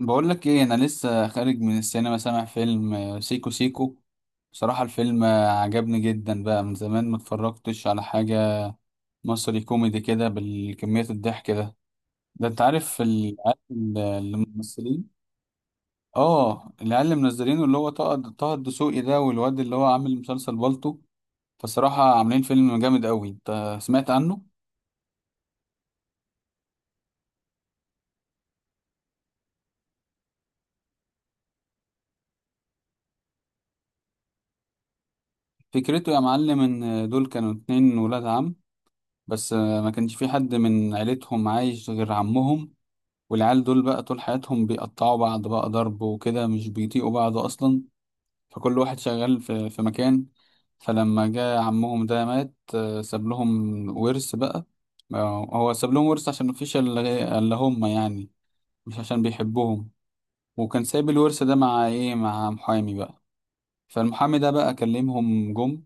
بقول لك ايه؟ انا لسه خارج من السينما، سامع فيلم سيكو سيكو. بصراحة الفيلم عجبني جدا، بقى من زمان ما اتفرجتش على حاجة مصري كوميدي كده بالكمية الضحك ده. ده انت عارف الممثلين. اه، العيال اللي منزلينه اللي هو طه الدسوقي ده، والواد اللي هو عامل مسلسل بالطو. فصراحة عاملين فيلم جامد قوي، انت سمعت عنه؟ فكرته يا معلم ان دول كانوا اتنين ولاد عم، بس ما كانش في حد من عيلتهم عايش غير عمهم. والعيال دول بقى طول حياتهم بيقطعوا بعض، بقى ضرب وكده، مش بيطيقوا بعض أصلا. فكل واحد شغال في مكان. فلما جه عمهم ده مات، ساب لهم ورث بقى. هو ساب لهم ورث عشان مفيش إلا هم يعني، مش عشان بيحبوهم. وكان سايب الورث ده مع إيه؟ مع محامي بقى. فالمحامي ده بقى كلمهم، جم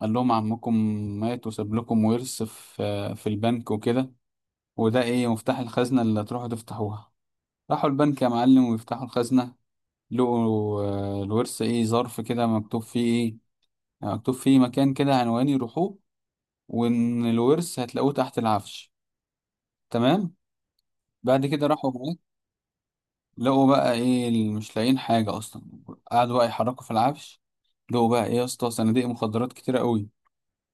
قال لهم: عمكم مات، وساب لكم ورث في البنك وكده، وده إيه؟ مفتاح الخزنة اللي هتروحوا تفتحوها. راحوا البنك يا معلم ويفتحوا الخزنة، لقوا الورث ايه؟ ظرف كده مكتوب فيه ايه؟ مكتوب فيه مكان كده، عنوان يروحوه، وان الورث هتلاقوه تحت العفش. تمام. بعد كده راحوا هناك، لقوا بقى ايه؟ اللي مش لاقيين حاجة اصلا. قعدوا بقى يحركوا في العفش، لقوا بقى ايه يا اسطى؟ صناديق مخدرات كتيرة قوي.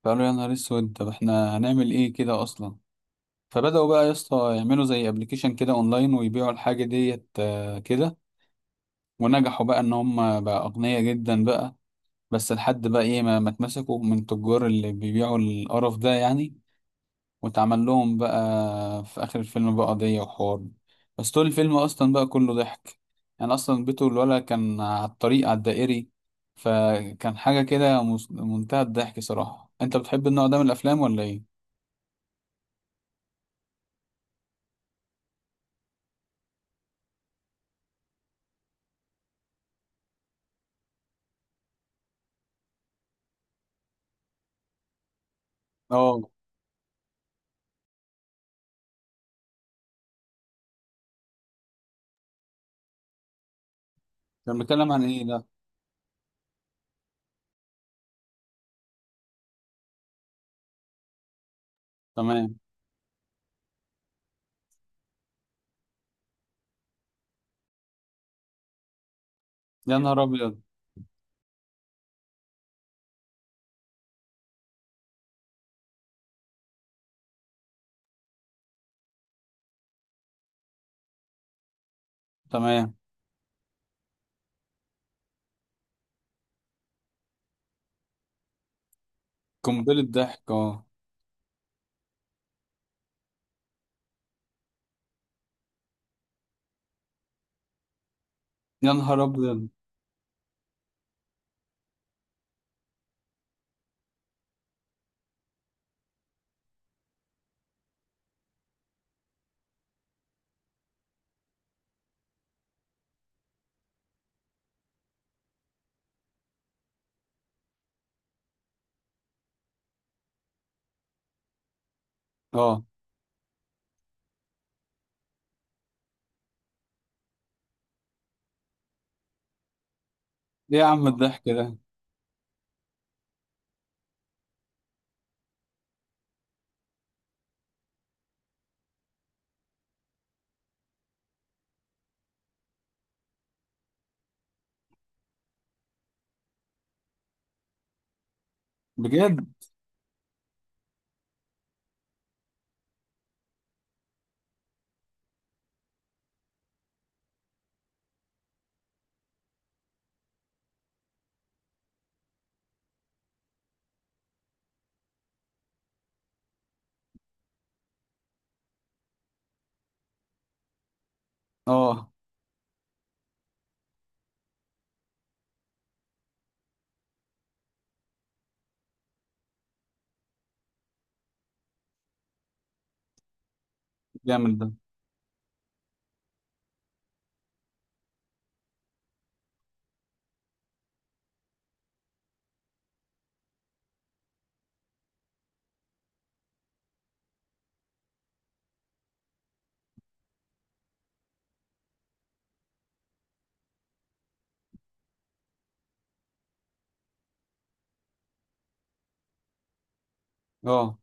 فقالوا يا نهار اسود، طب احنا هنعمل ايه كده اصلا؟ فبدأوا بقى يا اسطى يعملوا زي ابلكيشن كده اونلاين، ويبيعوا الحاجة ديت كده. ونجحوا بقى ان هم بقى اغنياء جدا بقى. بس لحد بقى ايه؟ ما اتمسكوا من التجار اللي بيبيعوا القرف ده يعني، واتعمل لهم بقى في اخر الفيلم بقى قضية وحوار. بس طول الفيلم اصلا بقى كله ضحك. يعني اصلا بيته الولد كان على الطريق على الدائري، فكان حاجة كده منتهى الضحك صراحة. انت بتحب النوع ده من الافلام ولا ايه؟ اه. كان بيتكلم عن ايه ده؟ تمام. يا نهار ابيض. تمام. قنبلة ضحك، اه. يا نهار ابيض. اه. ايه يا عم الضحك ده؟ بجد. اه. جامد ده. اه.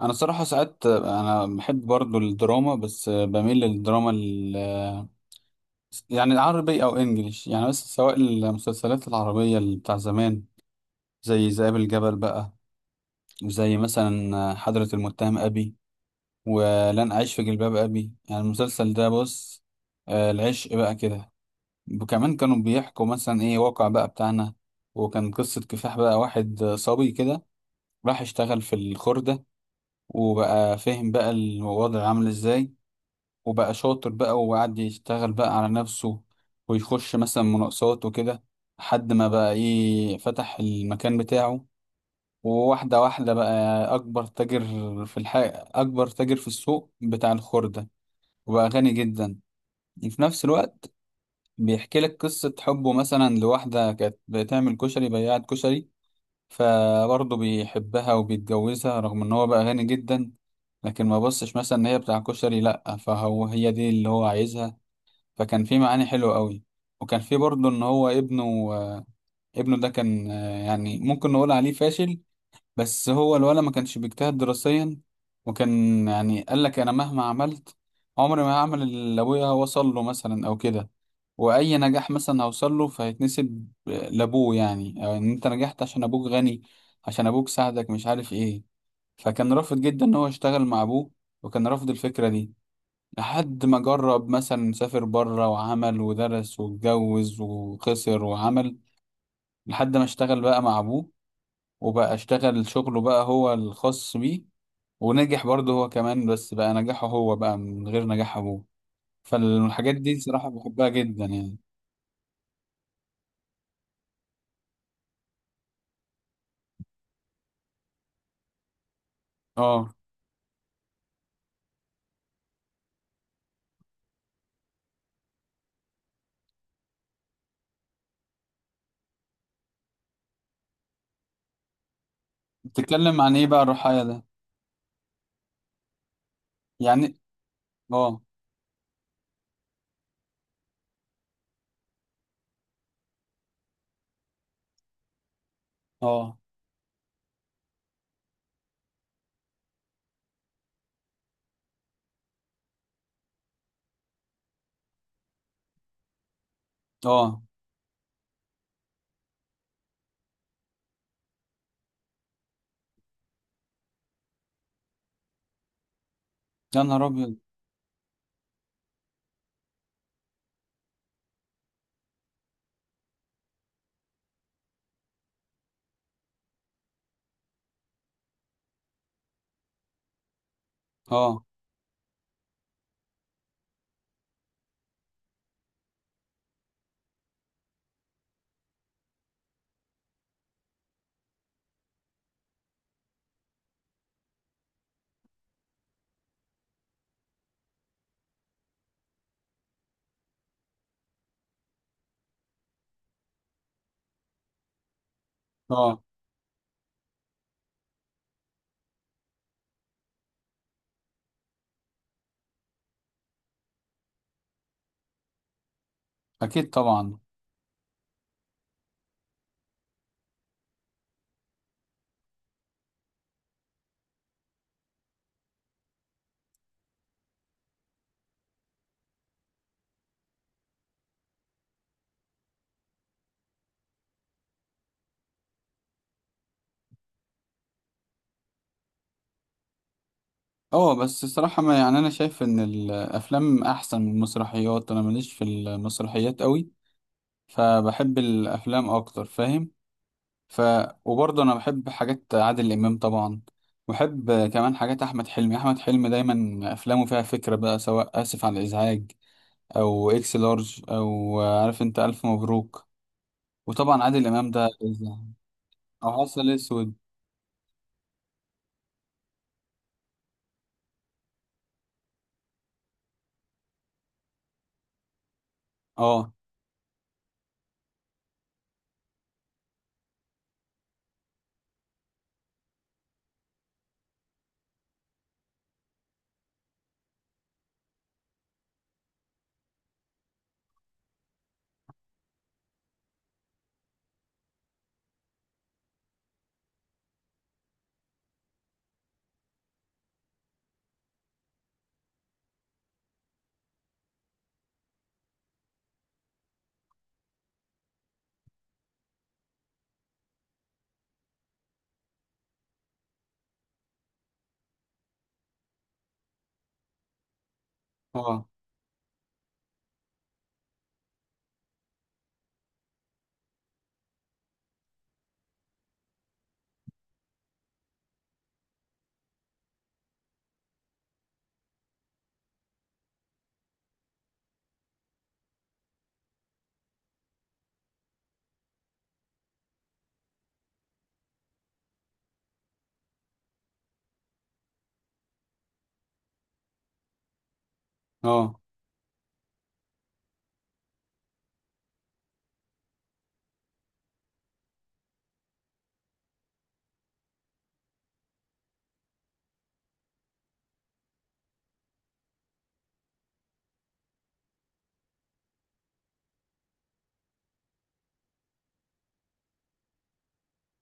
انا الصراحه ساعات انا بحب برضو الدراما، بس بميل للدراما ال، يعني العربي او انجليش يعني. بس سواء المسلسلات العربيه اللي بتاع زمان، زي ذئاب الجبل بقى، وزي مثلا حضرة المتهم ابي، ولن اعيش في جلباب ابي، يعني المسلسل ده بص العشق بقى كده. وكمان كانوا بيحكوا مثلا ايه؟ واقع بقى بتاعنا. وكان قصة كفاح بقى، واحد صبي كده راح اشتغل في الخردة، وبقى فهم بقى الوضع عامل ازاي، وبقى شاطر بقى وقعد يشتغل بقى على نفسه، ويخش مثلا مناقصات وكده، لحد ما بقى ايه؟ فتح المكان بتاعه. وواحدة واحدة بقى أكبر تاجر في الح... أكبر تاجر في السوق بتاع الخردة. وبقى غني جدا. وفي نفس الوقت بيحكي لك قصة حبه مثلا لواحدة كانت بتعمل كشري، بياعة كشري، فبرضه بيحبها وبيتجوزها رغم إن هو بقى غني جدا. لكن ما بصش مثلا إن هي بتاع كشري، لأ، فهو هي دي اللي هو عايزها. فكان في معاني حلوة قوي. وكان في برضه ان هو ابنه، آه، ابنه ده كان يعني ممكن نقول عليه فاشل. بس هو الولد ما كانش بيجتهد دراسيا، وكان يعني قال لك انا مهما عملت عمري ما هعمل اللي ابويا وصل له مثلا او كده. واي نجاح مثلا هوصل له فهيتنسب لابوه يعني، او ان انت نجحت عشان ابوك غني، عشان ابوك ساعدك، مش عارف ايه. فكان رافض جدا ان هو يشتغل مع ابوه، وكان رافض الفكرة دي. لحد ما جرب، مثلا سافر بره وعمل ودرس واتجوز وخسر وعمل، لحد ما اشتغل بقى مع ابوه، وبقى اشتغل شغله بقى هو الخاص بيه. ونجح برضه هو كمان، بس بقى نجاحه هو بقى من غير نجاح ابوه. فالحاجات دي صراحة بحبها جدا يعني. اه. بتتكلم عن ايه بقى الرحايا ده؟ يعني. اه. اه. اه. يا نهار ابيض. اه. اه. اكيد طبعا. اه، بس الصراحة ما يعني، أنا شايف إن الأفلام أحسن من المسرحيات، أنا ماليش في المسرحيات قوي. فبحب الأفلام أكتر، فاهم؟ ف وبرضه أنا بحب حاجات عادل إمام طبعا، وبحب كمان حاجات أحمد حلمي. أحمد حلمي دايما أفلامه فيها فكرة بقى، سواء آسف على الإزعاج، أو إكس لارج، أو عارف أنت ألف مبروك. وطبعا عادل إمام ده أو عسل أسود. اه. اه. اه.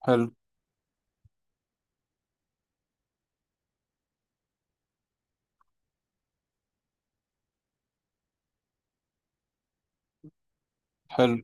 حلو. حلو،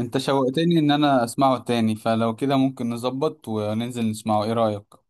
انت شوقتني ان انا اسمعه تاني، فلو كده ممكن نظبط وننزل نسمعه، ايه رأيك؟